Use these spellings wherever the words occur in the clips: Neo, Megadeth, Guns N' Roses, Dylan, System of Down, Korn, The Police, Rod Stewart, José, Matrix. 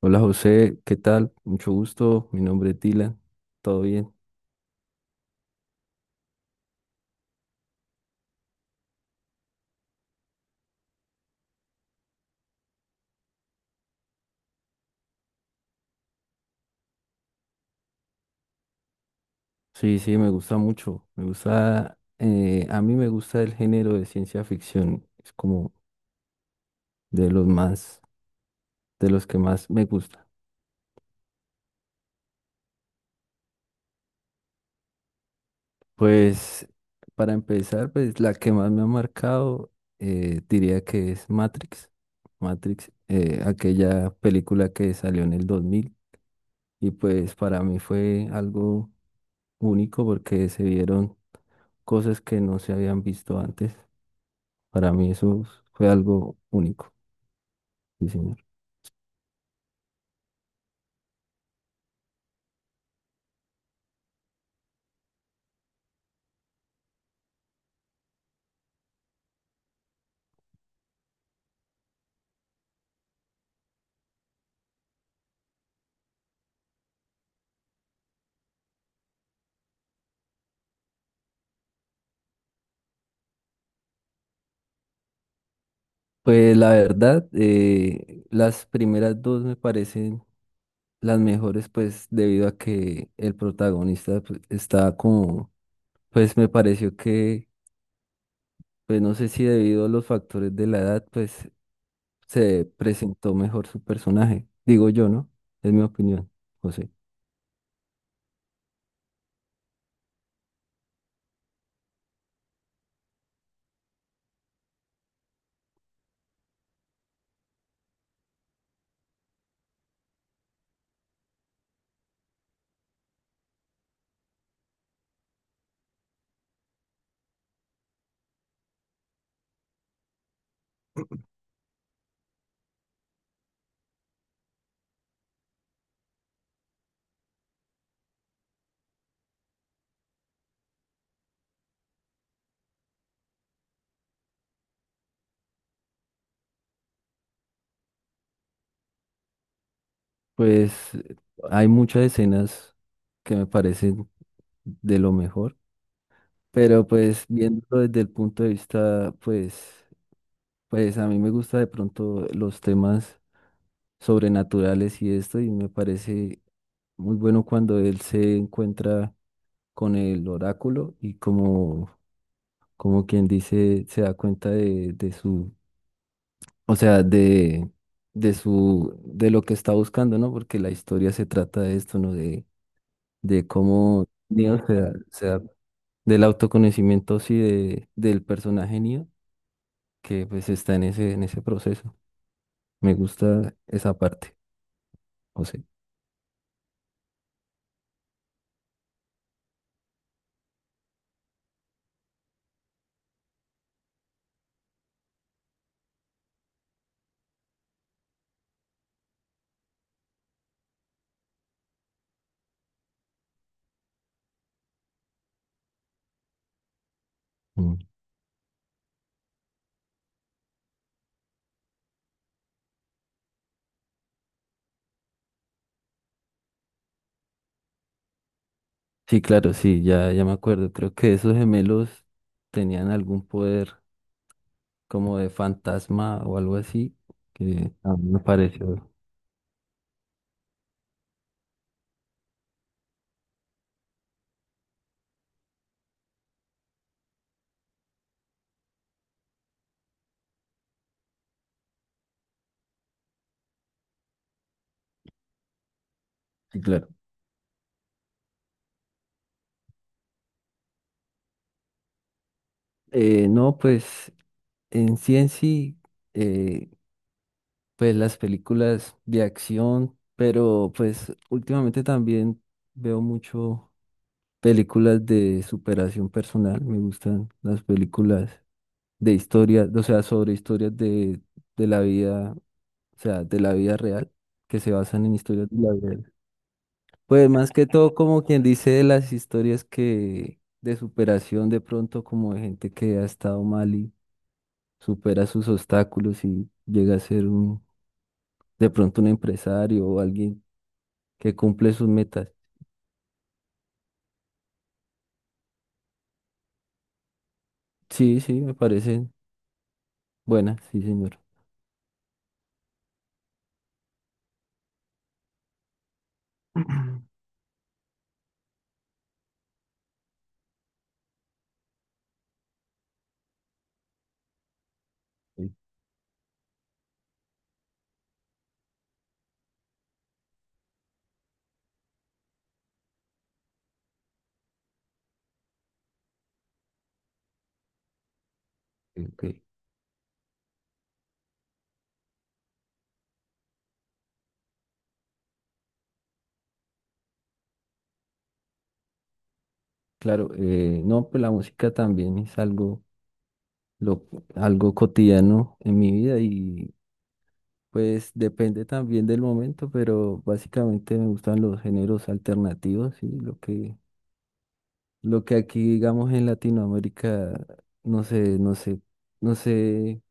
Hola José, ¿qué tal? Mucho gusto, mi nombre es Dylan, ¿todo bien? Sí, sí, me gusta mucho, me gusta, a mí me gusta el género de ciencia ficción, es como de los más, de los que más me gusta. Pues para empezar, pues la que más me ha marcado diría que es Matrix, aquella película que salió en el 2000 y pues para mí fue algo único porque se vieron cosas que no se habían visto antes. Para mí eso fue algo único, sí, señor. Pues la verdad, las primeras dos me parecen las mejores, pues debido a que el protagonista pues, está como, pues me pareció que, pues no sé si debido a los factores de la edad, pues se presentó mejor su personaje. Digo yo, ¿no? Es mi opinión, José. Pues hay muchas escenas que me parecen de lo mejor, pero pues viéndolo desde el punto de vista, pues a mí me gusta de pronto los temas sobrenaturales y esto, y me parece muy bueno cuando él se encuentra con el oráculo y como, como quien dice, se da cuenta de su, o sea, de su, de lo que está buscando, ¿no? Porque la historia se trata de esto, ¿no? De cómo Neo se da del autoconocimiento, sí, de, del personaje Neo, que pues está en ese proceso. Me gusta esa parte, o sea. Mm. Sí, claro, sí, ya, ya me acuerdo. Creo que esos gemelos tenían algún poder como de fantasma o algo así, que a mí me pareció. Sí, claro. No, pues en sí en sí, eh, pues las películas de acción, pero pues últimamente también veo mucho. Películas de superación personal, me gustan las películas de historia, o sea, sobre historias de la vida, o sea, de la vida real, que se basan en historias de la vida real. Pues más que todo, como quien dice, de las historias que de superación de pronto, como de gente que ha estado mal y supera sus obstáculos y llega a ser un, de pronto un empresario o alguien que cumple sus metas. Sí, sí, me parecen buenas, sí, señor. Ok, ok. Claro, no, pues la música también es algo, lo, algo cotidiano en mi vida y pues depende también del momento, pero básicamente me gustan los géneros alternativos y lo que aquí digamos en Latinoamérica no se, no se, no se,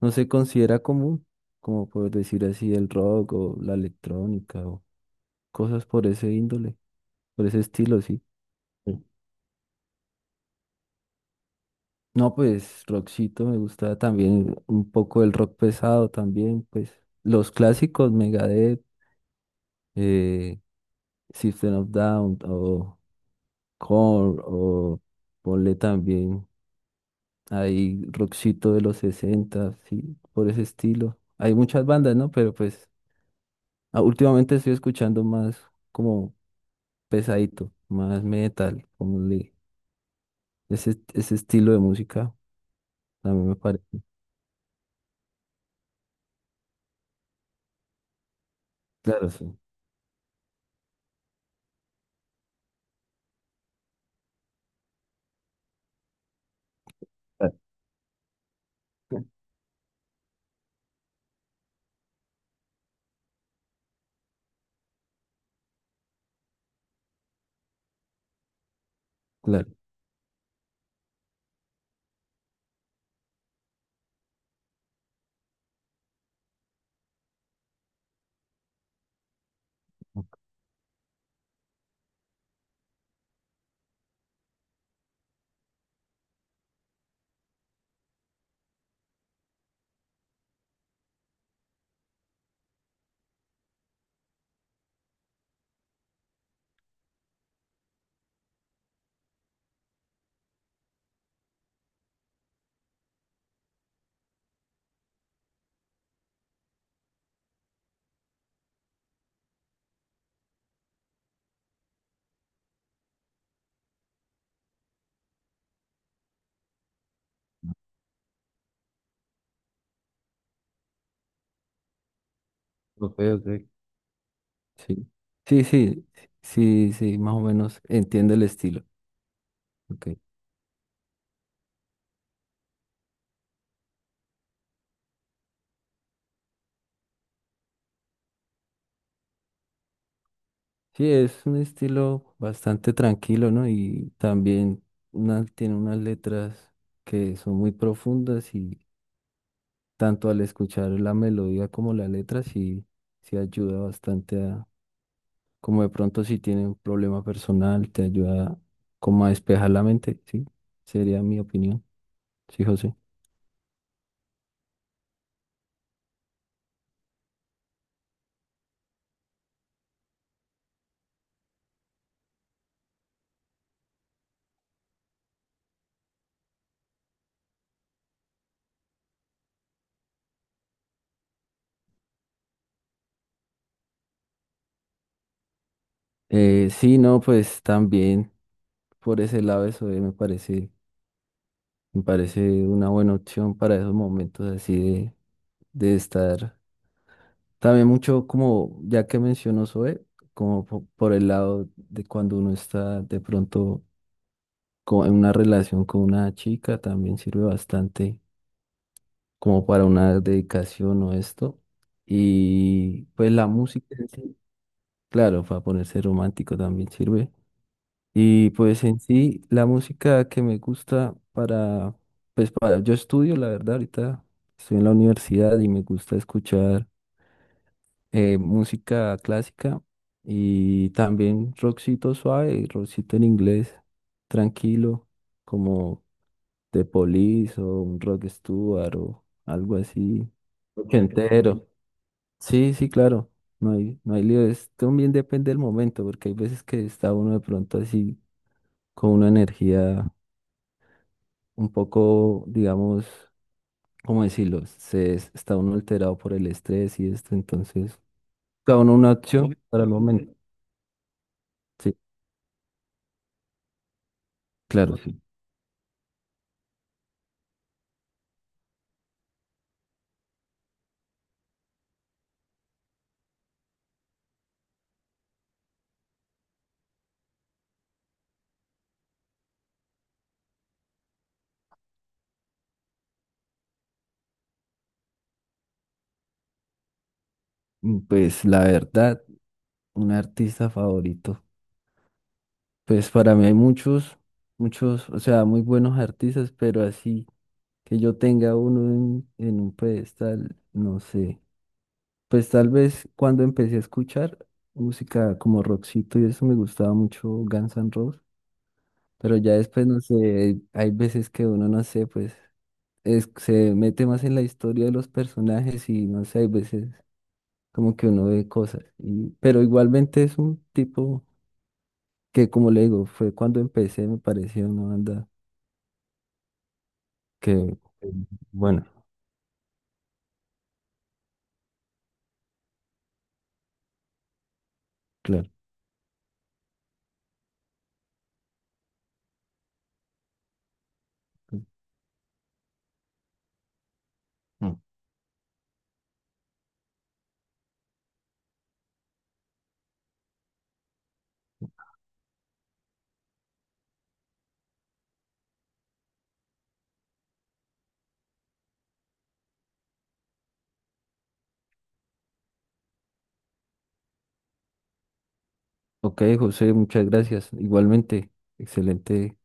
no se considera común, como por decir así el rock o la electrónica o cosas por ese índole, por ese estilo, sí. No, pues rockcito me gusta también un poco el rock pesado también, pues los clásicos Megadeth, eh, System of Down o Korn o ponle también ahí rockcito de los 60, sí, por ese estilo. Hay muchas bandas, ¿no? Pero pues últimamente estoy escuchando más como pesadito, más metal, ese estilo de música, a mí me parece. Claro, sí. Claro. Claro. Ok, ok. Sí, sí, sí, sí, sí, más o menos entiendo el estilo. Ok. Sí, es un estilo bastante tranquilo, ¿no? Y también tiene unas letras que son muy profundas y tanto al escuchar la melodía como la letra sí, sí ayuda bastante a, como de pronto si tiene un problema personal, te ayuda como a despejar la mente, sí, sería mi opinión. Sí, José. Sí, no, pues también por ese lado eso me parece. Me parece una buena opción para esos momentos así de estar. También mucho como, ya que mencionó Zoe, por el lado de cuando uno está de pronto en una relación con una chica, también sirve bastante como para una dedicación o esto. Y pues la música en sí, claro, para ponerse romántico también sirve. Y pues en sí, la música que me gusta para, pues para, yo estudio, la verdad, ahorita estoy en la universidad y me gusta escuchar música clásica y también rockcito suave, rockcito en inglés, tranquilo, como The Police o un Rod Stewart o algo así, entero. Sí, sí, claro, no hay lío, también depende del momento, porque hay veces que está uno de pronto así con una energía un poco, digamos, ¿cómo decirlo? Se está uno alterado por el estrés y esto, entonces, cada uno una opción para el momento. Sí, claro, sí. Pues la verdad, un artista favorito. Pues para mí hay muchos, muchos, o sea, muy buenos artistas, pero así que yo tenga uno en un pedestal, no sé. Pues tal vez cuando empecé a escuchar música como Roxito y eso me gustaba mucho Guns N' Roses. Pero ya después, no sé, hay veces que uno, no sé, pues se mete más en la historia de los personajes y no sé, hay veces como que uno ve cosas. Pero igualmente es un tipo que, como le digo, fue cuando empecé, me pareció una banda que, eh, bueno, claro. Mm. Ok, José, muchas gracias. Igualmente, excelente.